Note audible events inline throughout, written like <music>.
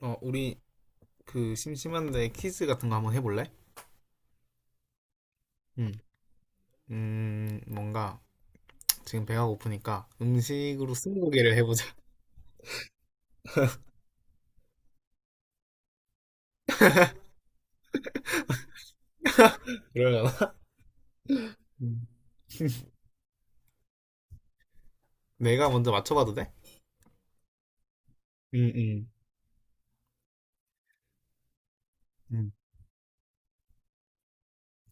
우리 그 심심한데 퀴즈 같은 거 한번 해볼래? 응. 뭔가 지금 배가 고프니까 음식으로 스무고개를 해보자. <laughs> 그러려나? 음. 내가 먼저 맞춰봐도 돼? 응. 응.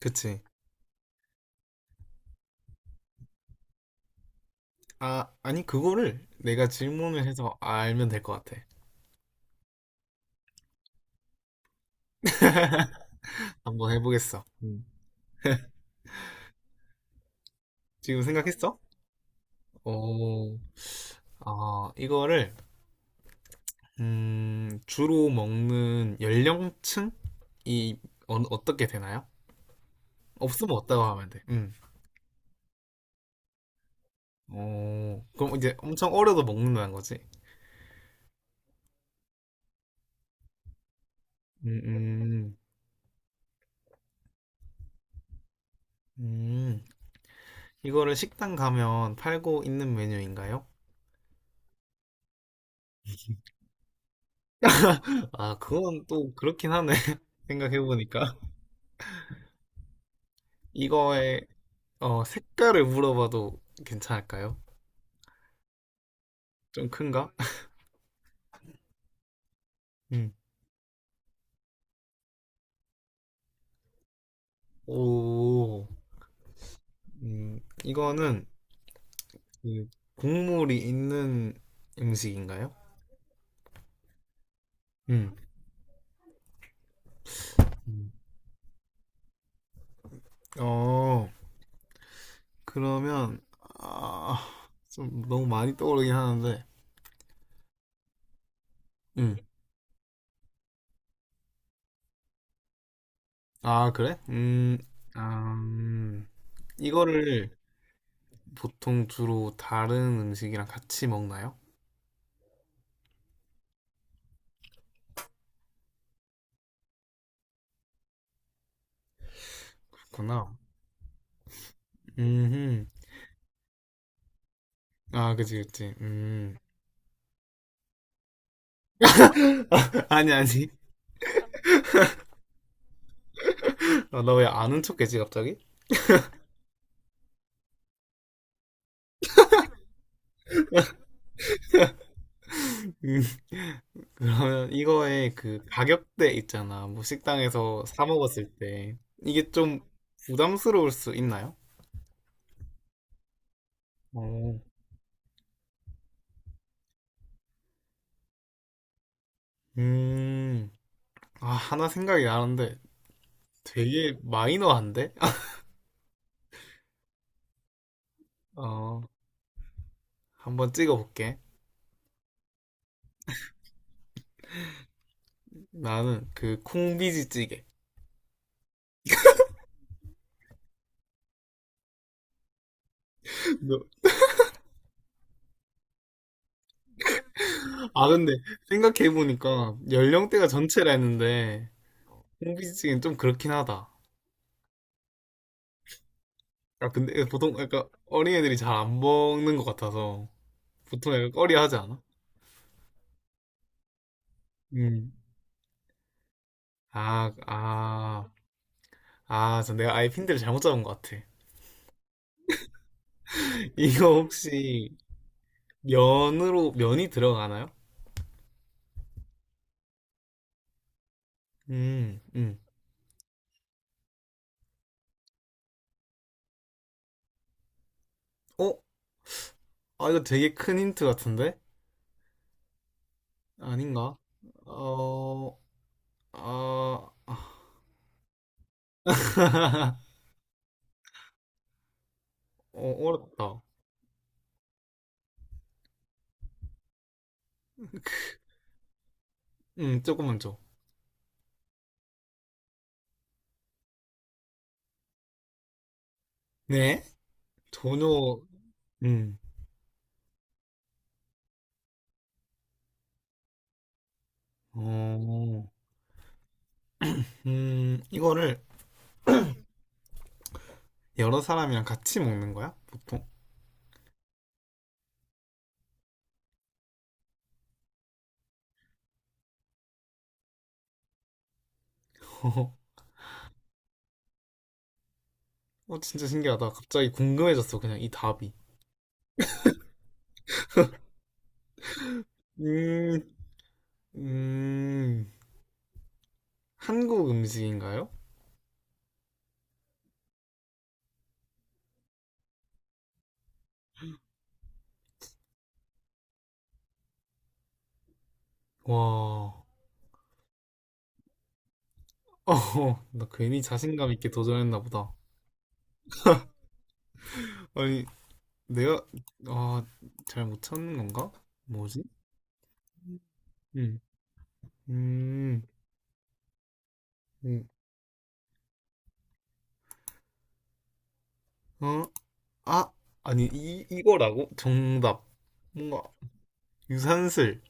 그치. 아, 아니, 그거를 내가 질문을 해서 알면 될 것 같아. <laughs> 한번 해보겠어. 응. 지금 생각했어? 어, 아, 이거를, 주로 먹는 연령층이 어떻게 되나요? 없으면 없다고 하면 돼. 응. 어, 그럼 이제 엄청 어려도 먹는다는 거지? 음, 음, 음. 이거를 식당 가면 팔고 있는 메뉴인가요? 아, 그건 또 그렇긴 하네. <laughs> 생각해보니까. 이거의 색깔을 물어봐도 괜찮을까요? 좀 큰가? 음. 오, 이거는 그 국물이 있는 음식인가요? 음. 음. 어, 그러면, 아, 좀 너무 많이 떠오르긴 하는데. 음. 아, 그래? 아, 이거를 보통 주로 다른 음식이랑 같이 먹나요? 그렇구나. 음, 아, 그치. <laughs> 아니. 너 왜 아는 척했지, 갑자기? 음, 그러면 이거의 그 가격대 있잖아. 뭐 식당에서 사 먹었을 때. 이게 좀 부담스러울 수 있나요? 어. 음, 아, 하나 생각이 나는데 되게 마이너한데? <laughs> 어, 한번 찍어볼게. 나는 그 콩비지찌개. 너- 아, 근데 생각해보니까 연령대가 전체라 했는데 콩비지찌개는 좀 그렇긴 하다. 아, 근데 보통 약간 어린애들이 잘 안 먹는 것 같아서 보통 약간 꺼리하지 않아? 음. 아, 아, 아, 저 내가 아예 핀들을 잘못 잡은 것 같아. <laughs> 이거 혹시 면이 들어가나요? 음, 음. 어? 아, 이거 되게 큰 힌트 같은데? 아닌가? 어, 아, <laughs> 어, 어렵다. 조금만 줘. 네? 전혀, 음, 어, 이거를 여러 사람이랑 같이 먹는 거야? 보통? <laughs> 어, 진짜 신기하다. 갑자기 궁금해졌어, 그냥 이 답이. 음, 음, 한국 음식인가요? 와, <laughs> 어, 나 괜히 자신감 있게 도전했나 보다. 아니, 내가, 아, 잘 못 찾는 건가? 뭐지? 음, 음, 음. 어? 아, 아니, 이, 이거라고? 정답. 뭔가, 유산슬.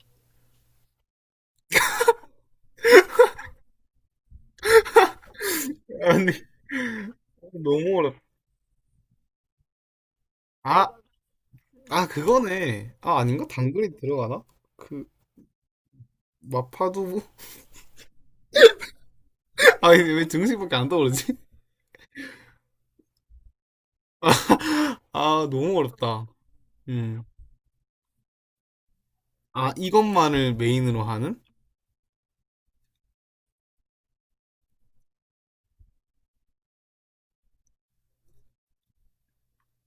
<laughs> 아니, 너무 어렵다. 아, 아, 그거네. 아, 아닌가? 당근이 들어가나? 그, 마파두부? <laughs> 아니, 왜 등심밖에 안 떠오르지? <laughs> 아, 너무 어렵다. 음. 아, 이것만을 메인으로 하는?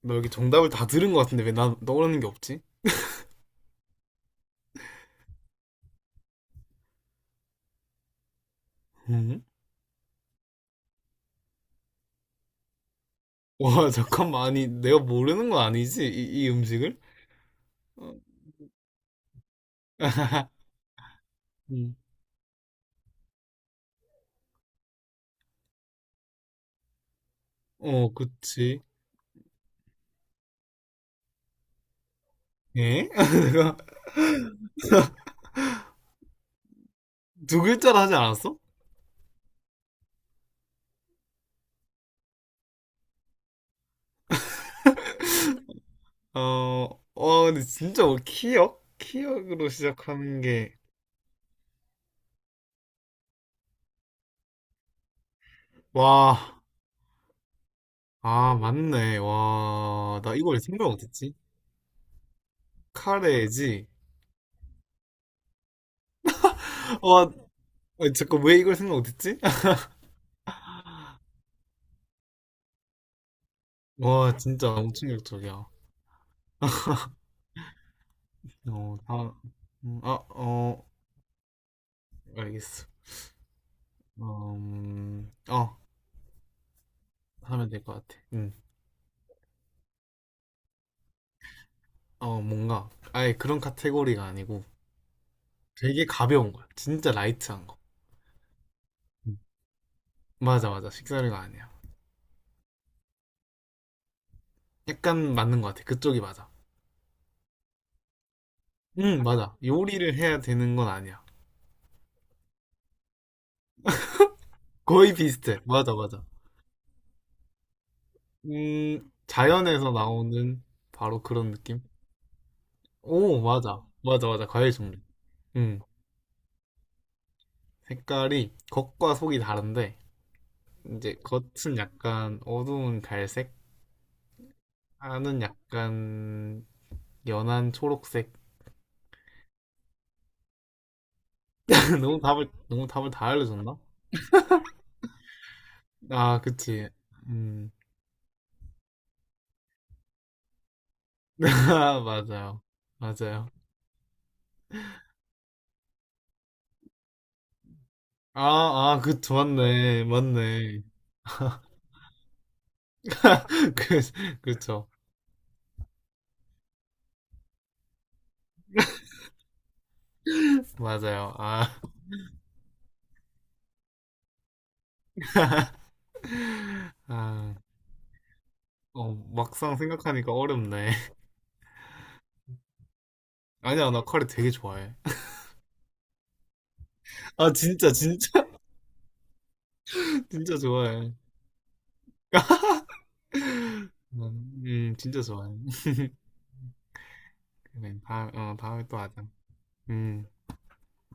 나 여기 정답을 다 들은 것 같은데 왜 나 떠오르는 게 없지? 음? <laughs> 와, 잠깐만. 아니, 내가 모르는 건 아니지? 이, 이 음식을? <laughs> 음. 어, 그치. 예? <laughs> 두 글자로 하지 않았어? 어, 근데 진짜 뭐 키역? 키역으로 시작하는 게, 와, 아, 맞네. 와, 나 이걸 생각 못했지? 카레지? 와, 아, 잠깐, 왜 이걸 생각 못했지? <laughs> 와, 진짜 엄청 충격적이야. 어, 다, 아, 어, 알겠어. 어, 어, 하면 될 것 같아. 응. 뭔가, 아예 그런 카테고리가 아니고 되게 가벼운 거야. 진짜 라이트한 거. 응. 맞아. 식사류가 아니야. 약간 맞는 것 같아. 그쪽이 맞아. 응, 맞아. 요리를 해야 되는 건 아니야. 거의 비슷해. 맞아. 자연에서 나오는 바로 그런 느낌? 오, 맞아. 맞아. 과일 종류. 음, 색깔이 겉과 속이 다른데, 이제 겉은 약간 어두운 갈색, 안은 약간 연한 초록색. <laughs> 너무 답을 다 알려줬나? 아, 그치. 음, <laughs> 아, 맞아요. 맞아요. 그, 좋았네. 맞네. <laughs> 그쵸. 맞아요. 아, 어, 막상 생각하니까 어렵네. <laughs> 아니야, 나 커리 되게 좋아해. 아, 진짜, <laughs> 진짜 좋아해. 진짜 좋아해. 그래, 다, 어, 다음에 또 하자. 음.